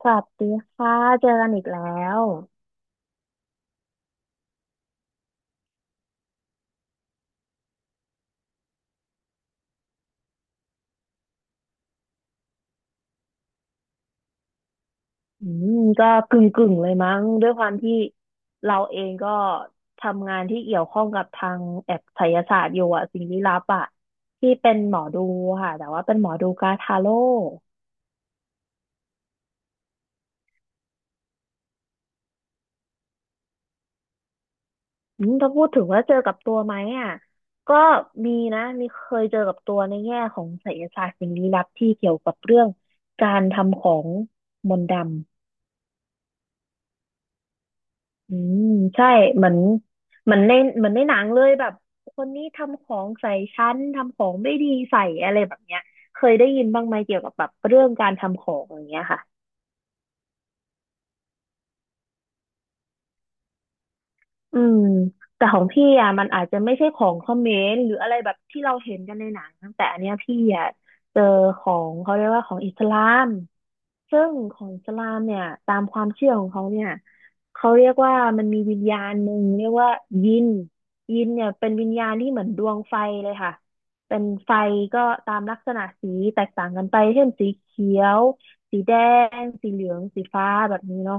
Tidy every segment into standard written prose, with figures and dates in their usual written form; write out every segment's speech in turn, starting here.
สวัสดีค่ะเจอกันอีกแล้วอืก็กึ่งเลยมั้งด้วยความที่เราเองก็ทำงานที่เกี่ยวข้องกับทางแอบไสยศาสตร์อยู่อะสิ่งลี้ลับอะที่เป็นหมอดูค่ะแต่ว่าเป็นหมอดูกาทาโร่ถ้าพูดถึงว่าเจอกับตัวไหมอะก็มีนะมีเคยเจอกับตัวในแง่ของไสยศาสตร์สิ่งลี้ลับที่เกี่ยวกับเรื่องการทำของมนต์ดำ อืมใช่เหมือนเหมือนในเหมือนในหนังเลยแบบคนนี้ทำของใส่ฉันทำของไม่ดีใส่อะไรแบบเนี้ยเคยได้ยินบ้างไหมเกี่ยวกับแบบเรื่องการทำของอย่างเงี้ยค่ะอืมแต่ของพี่อ่ะมันอาจจะไม่ใช่ของเขมรหรืออะไรแบบที่เราเห็นกันในหนัง เจอของเขาเรียกว่าของอิสลาม ซึ่งของอิสลามเนี่ยตามความเชื่อของเขาเนี่ยเขาเรียกว่ามันมีวิญญาณหนึ่งเรียกว่ายินยินเนี่ยเป็นวิญญาณที่เหมือนดวงไฟเลยค่ะเป็นไฟก็ตามลักษณะสีแตกต่างกันไปเช่นสีเขียวสีแดงสีเหลืองสีฟ้าแบบนี้เนาะ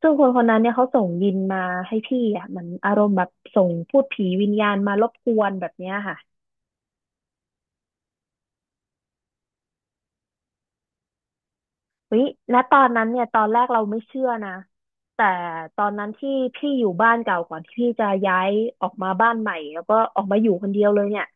ซึ่งคนคนนั้นเนี่ยเขาส่งยินมาให้พี่อ่ะเหมันอารมณ์แบบส่งพูดผีวิญญาณมารบกวนแบบเนี้ยค่ะ วิณตอนนั้นเนี่ยตอนแรกเราไม่เชื่อนะแต่ตอนนั้นที่พี่อยู่บ้านเก่าก่อนที่พี่จะย้ายออกมาบ้านใหม่แล้วก็ออกมาอยู่คนเดียวเลยเนี่ย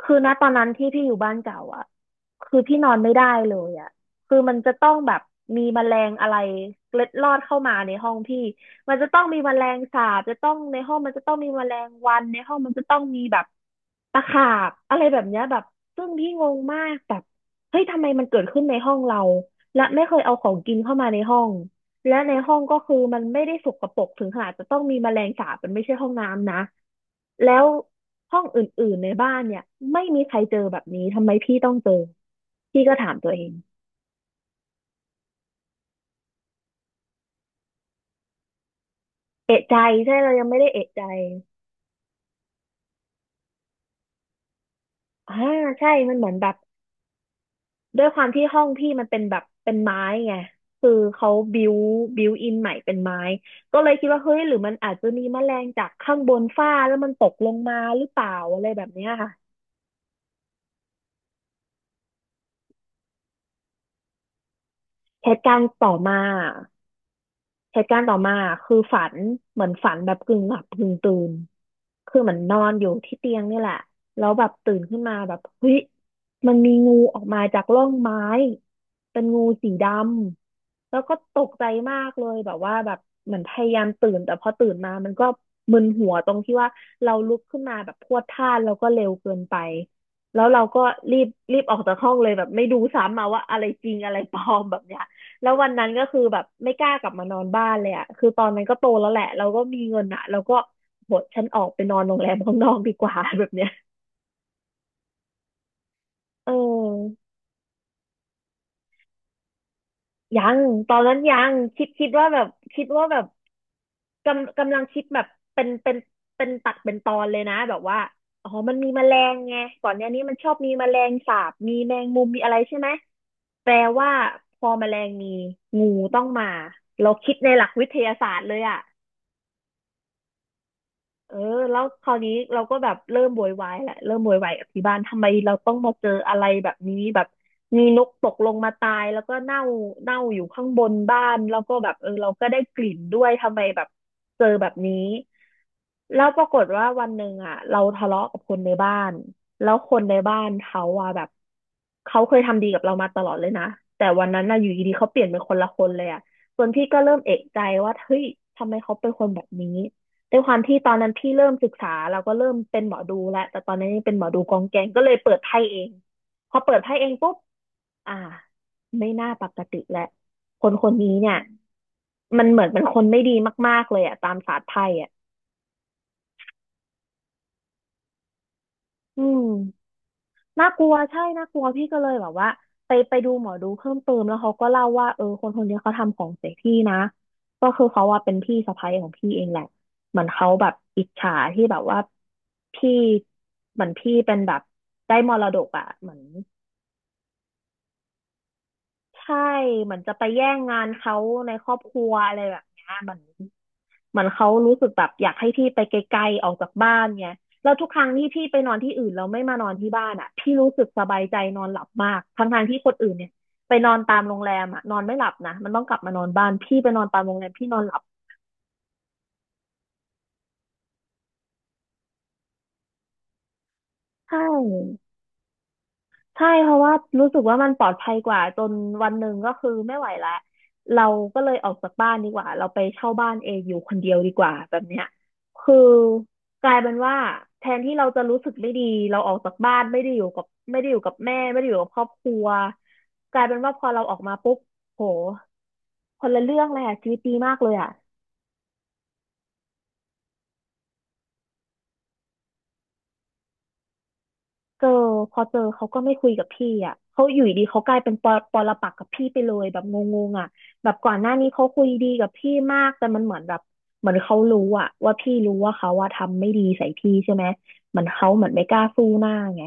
คือณตอนนั้นที่พี่อยู่บ้านเก่าอ่ะคือพี่นอนไม่ได้เลยอ่ะคือมันจะต้องแบบมีแมลงอะไรเล็ดลอดเข้ามาในห้องพี่มันจะต้องมีแมลงสาบจะต้องในห้องมันจะต้องมีแมลงวันในห้องมันจะต้องมีแบบ ตะขาบอะไรแบบเนี้ยแบบซึ่งพี่งงมากแบบเฮ้ยทำไมมันเกิดขึ้นในห้องเราและไม่เคยเอาของกินเข้ามาในห้องและในห้องก็คือมันไม่ได้สกปรกถึงขนาดจะต้องมีแมลงสาบมันไม่ใช่ห้องน้ำนะแล้วห้องอื่นๆในบ้านเนี่ยไม่มีใครเจอแบบนี้ทำไมพี่ต้องเจอพี่ก็ถามตัวเองเอะใจใช่เรายังไม่ได้เอะใจอ่าใช่มันเหมือนแบบ ด้วยความที่ห้องพี่มันเป็นแบบเป็นไม้ไงคือเขาบิวอินใหม่เป็นไม้ก็เลยคิดว่าเฮ้ยหรือมันอาจจะมีแมลงจากข้างบนฝ้าแล้วมันตกลงมาหรือเปล่าอะไรแบบเนี้ยค่ะเหตุการณ์ต่อมาเหตุการณ์ต่อมาคือฝันเหมือนฝันแบบกึ่งหลับกึ่งตื่นคือเหมือนนอนอยู่ที่เตียงนี่แหละแล้วแบบตื่นขึ้นมาแบบเฮ้ยมันมีงูออกมาจากร่องไม้เป็นงูสีดำ แล้วก็ตกใจมากเลยแบบว่าแบบเหมือนพยายามตื่นแต่พอตื่นมามันก็มึนหัวตรงที่ว่าเราลุกขึ้นมาแบบพรวดพลาดแล้วก็เร็วเกินไปแล้วเราก็รีบรีบออกจากห้องเลยแบบไม่ดูซ้ำมาว่าอะไรจริงอะไรปลอมแบบเนี้ยแล้ววันนั้นก็คือแบบไม่กล้ากลับมานอนบ้านเลยอ่ะคือตอนนั้นก็โตแล้วแหละเราก็มีเงินอ่ะเราก็บทฉันออกไปนอนโรงแรมข้างนอกดีกว่าแบบเนี้ยเออ ยังตอนนั้นยังคิดว่าแบบคิดว่าแบบกำลังคิดแบบเป็นเป็นเป็นตัดเป็นตอนเลยนะแบบว่าอ๋อมันมีแมลงไงก่อนหน้านี้มันชอบมีแมลงสาบมีแมงมุมมีอะไรใช่ไหมแปลว่าพอแมลงมีงูต้องมาเราคิดในหลักวิทยาศาสตร์เลยอะ เออแล้วคราวนี้เราก็แบบเริ่มโวยวายแหละเริ่มโวยวายกับที่บ้านทำไมเราต้องมาเจออะไรแบบนี้แบบมีนกตกลงมาตายแล้วก็เน่าอยู่ข้างบนบ้านแล้วก็แบบเออเราก็ได้กลิ่นด้วยทำไมแบบเจอแบบนี้แล้วปรากฏว่าวันหนึ่งอ่ะเราทะเลาะกับคนในบ้านแล้วคนในบ้านเขาอ่ะแบบเขาเคยทำดีกับเรามาตลอดเลยนะแต่วันนั้นน่ะอยู่ดีๆเขาเปลี่ยนเป็นคนละคนเลยอ่ะส่วนพี่ก็เริ่มเอะใจว่าเฮ้ยทำไมเขาเป็นคนแบบนี้ ด้วยความที่ตอนนั้นพี่เริ่มศึกษาเราก็เริ่มเป็นหมอดูแล้วแต่ตอนนั้นยังเป็นหมอดูกองแกงก็เลยเปิดไพ่เองพอเปิดไพ่เองปุ๊บอ่าไม่น่าปกติแล้วคนคนนี้เนี่ยมันเหมือนเป็นคนไม่ดีมากๆเลยอะตามศาสตร์ไพ่อะอืม น่ากลัวใช่น่ากลัวพี่ก็เลยแบบว่าไปดูหมอดูเพิ่มเติมแล้วเขาก็เล่าว่าเออคนคนนี้เขาทำของใส่พี่นะก็คือเขาว่าเป็นพี่สะใภ้ของพี่เองแหละเหมือนเขาแบบอิจฉาที่แบบว่าพี่เหมือนพี่เป็นแบบได้มรดกอ่ะเหมือนใช่เหมือนจะไปแย่งงานเขาในครอบครัวอะไรแบบเนี้ยเหมือน เหมือนเขารู้สึกแบบอยากให้พี่ไปไกลๆออกจากบ้านไงแล้วทุกครั้งที่พี่ไปนอนที่อื่นแล้วไม่มานอนที่บ้านอ่ะพี่รู้สึกสบายใจนอนหลับมากทั้งๆที่คนอื่นเนี่ยไปนอนตามโรงแรมอ่ะนอนไม่หลับนะมันต้องกลับมานอนบ้านพี่ไปนอนตามโรงแรมพี่นอนหลับใช่ ใช่เพราะว่ารู้สึกว่ามันปลอดภัยกว่าจนวันหนึ่งก็คือไม่ไหวละเราก็เลยออกจากบ้านดีกว่าเราไปเช่าบ้านเองอยู่คนเดียวดีกว่าแบบเนี้ยคือกลายเป็นว่าแทนที่เราจะรู้สึกไม่ดีเราออกจากบ้านไม่ได้อยู่กับแม่ไม่ได้อยู่กับครอบครัวกลายเป็นว่าพอเราออกมาปุ๊บโหคนละเรื่องเลยอะชีวิตดีมากเลยอะ เจอพอเจอเขาก็ไม่คุยกับพี่อ่ะเขาอยู่ดีเขากลายเป็นปอปรปักษ์กับพี่ไปเลยแบบงงๆอ่ะแบบก่อนหน้านี้เขาคุยดีกับพี่มากแต่มันเหมือนแบบเหมือนเขารู้อ่ะว่าพี่รู้ว่าเขาว่าทำไม่ดีใส่พี่ใช่ไหมเหมือนเขาเหมือนไม่กล้าสู้หน้าไง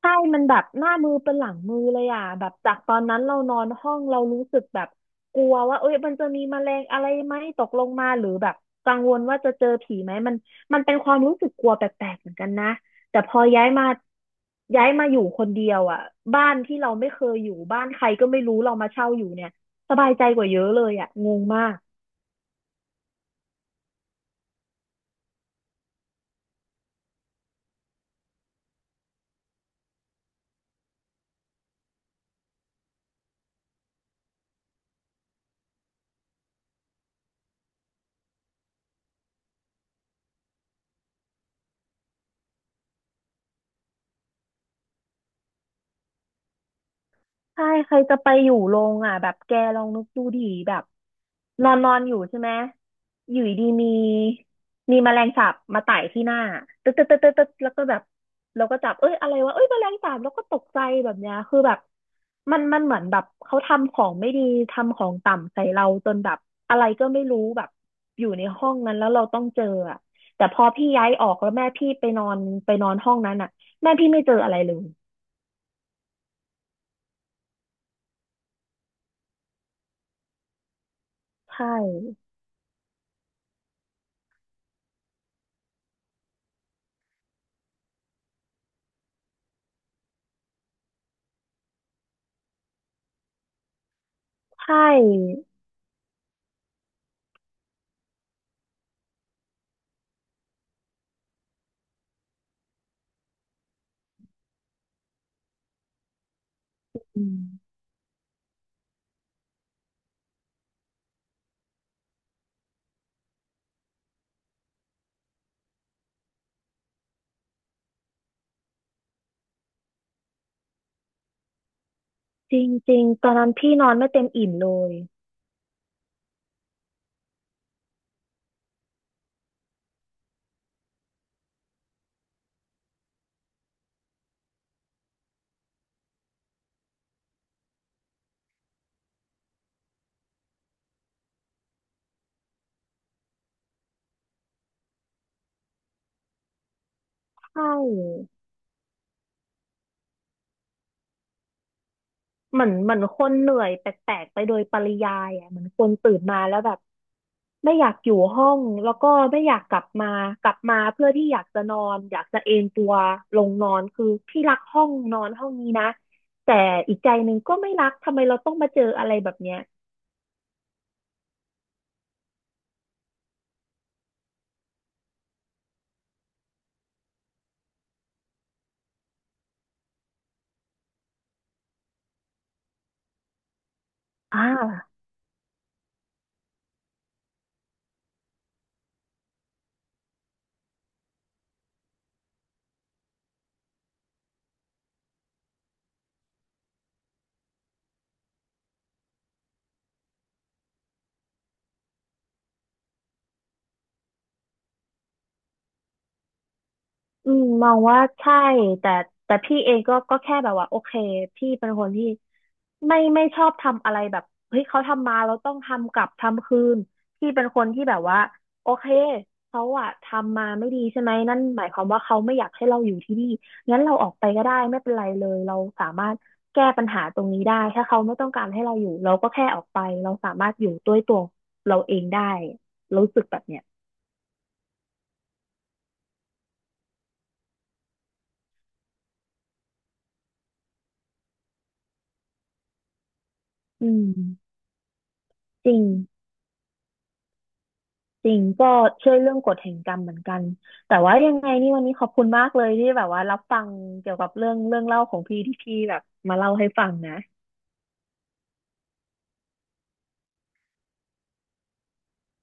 ใช่มันแบบหน้ามือเป็นหลังมือเลยอ่ะแบบจากตอนนั้นเรานอนห้องเรารู้สึกแบบกลัวว่าเอ้ยมันจะมีแมลงอะไรไหมตกลงมาหรือแบบกังวลว่าจะเจอผีไหมมันมันเป็นความรู้สึกกลัวแปลกๆเหมือนกันนะแต่พอย้ายมาอยู่คนเดียวอ่ะบ้านที่เราไม่เคยอยู่บ้านใครก็ไม่รู้เรามาเช่าอยู่เนี่ยสบายใจกว่าเยอะเลยอ่ะงงมาก ใช่ใครจะไปอยู่โรงอ่ะแบบแกลองนึกดูดิแบบนอนนอนอยู่ใช่ไหมอยู่ดีมีมีแมลงสาบมาไต่ที่หน้าตึ๊ดตึ๊ดตึ๊ดตึ๊ดตึ๊ดแล้วก็แบบเราก็จับเอ้ยอะไรวะเอ้ยแมลงสาบแล้วก็ตกใจแบบเนี้ยคือแบบมันเหมือนแบบเขาทำของไม่ดีทำของต่ำใส่เราจนแบบอะไรก็ไม่รู้แบบอยู่ในห้องนั้นแล้วเราต้องเจออ่ะแต่พอพี่ย้ายออกแล้วแม่พี่ไปนอนไปนอนห้องนั้นอ่ะแม่พี่ไม่เจออะไรเลยใช่ใช่ อืมจริงจริงตอนนั้นพี่นอนไม่เต็มอิ่มเลยใช่เหมือนเหมือนคนเหนื่อยแปลกๆไปโดยปริยายอ่ะเหมือนคนตื่นมาแล้วแบบไม่อยากอยู่ห้องแล้วก็ไม่อยากกลับมากลับมาเพื่อที่อยากจะนอนอยากจะเอนตัวลงนอนคือพี่รักห้องนอนห้องนี้นะแต่อีกใจหนึ่งก็ไม่รักทำไมเราต้องมาเจออะไรแบบเนี้ยอ่า อืมมองว่าใช่แต่แต่พี่เองก็ก็แค่แบบว่าโอเคพี่เป็นคนที่ไม่ชอบทำอะไรแบบเฮ้ยเขาทำมาเราต้องทำกลับทำคืนพี่เป็นคนที่แบบว่าโอเคเขาอะทำมาไม่ดีใช่ไหมนั่นหมายความว่าเขาไม่อยากให้เราอยู่ที่นี่งั้นเราออกไปก็ได้ไม่เป็นไรเลยเราสามารถแก้ปัญหาตรงนี้ได้ถ้าเขาไม่ต้องการให้เราอยู่เราก็แค่ออกไปเราสามารถอยู่ด้วยตัวเราเองได้รู้สึกแบบเนี้ยอืมจริง จริงก็เช่วยเรื่องกฎแห่งกรรมเหมือนกันแต่ว่ายังไงนี่วันนี้ขอบคุณมากเลยที่แบบว่ารับฟังเกี่ยวกับเรื่องเล่าของพี่ที่พี่แบบมาเล่าให้ฟังนะ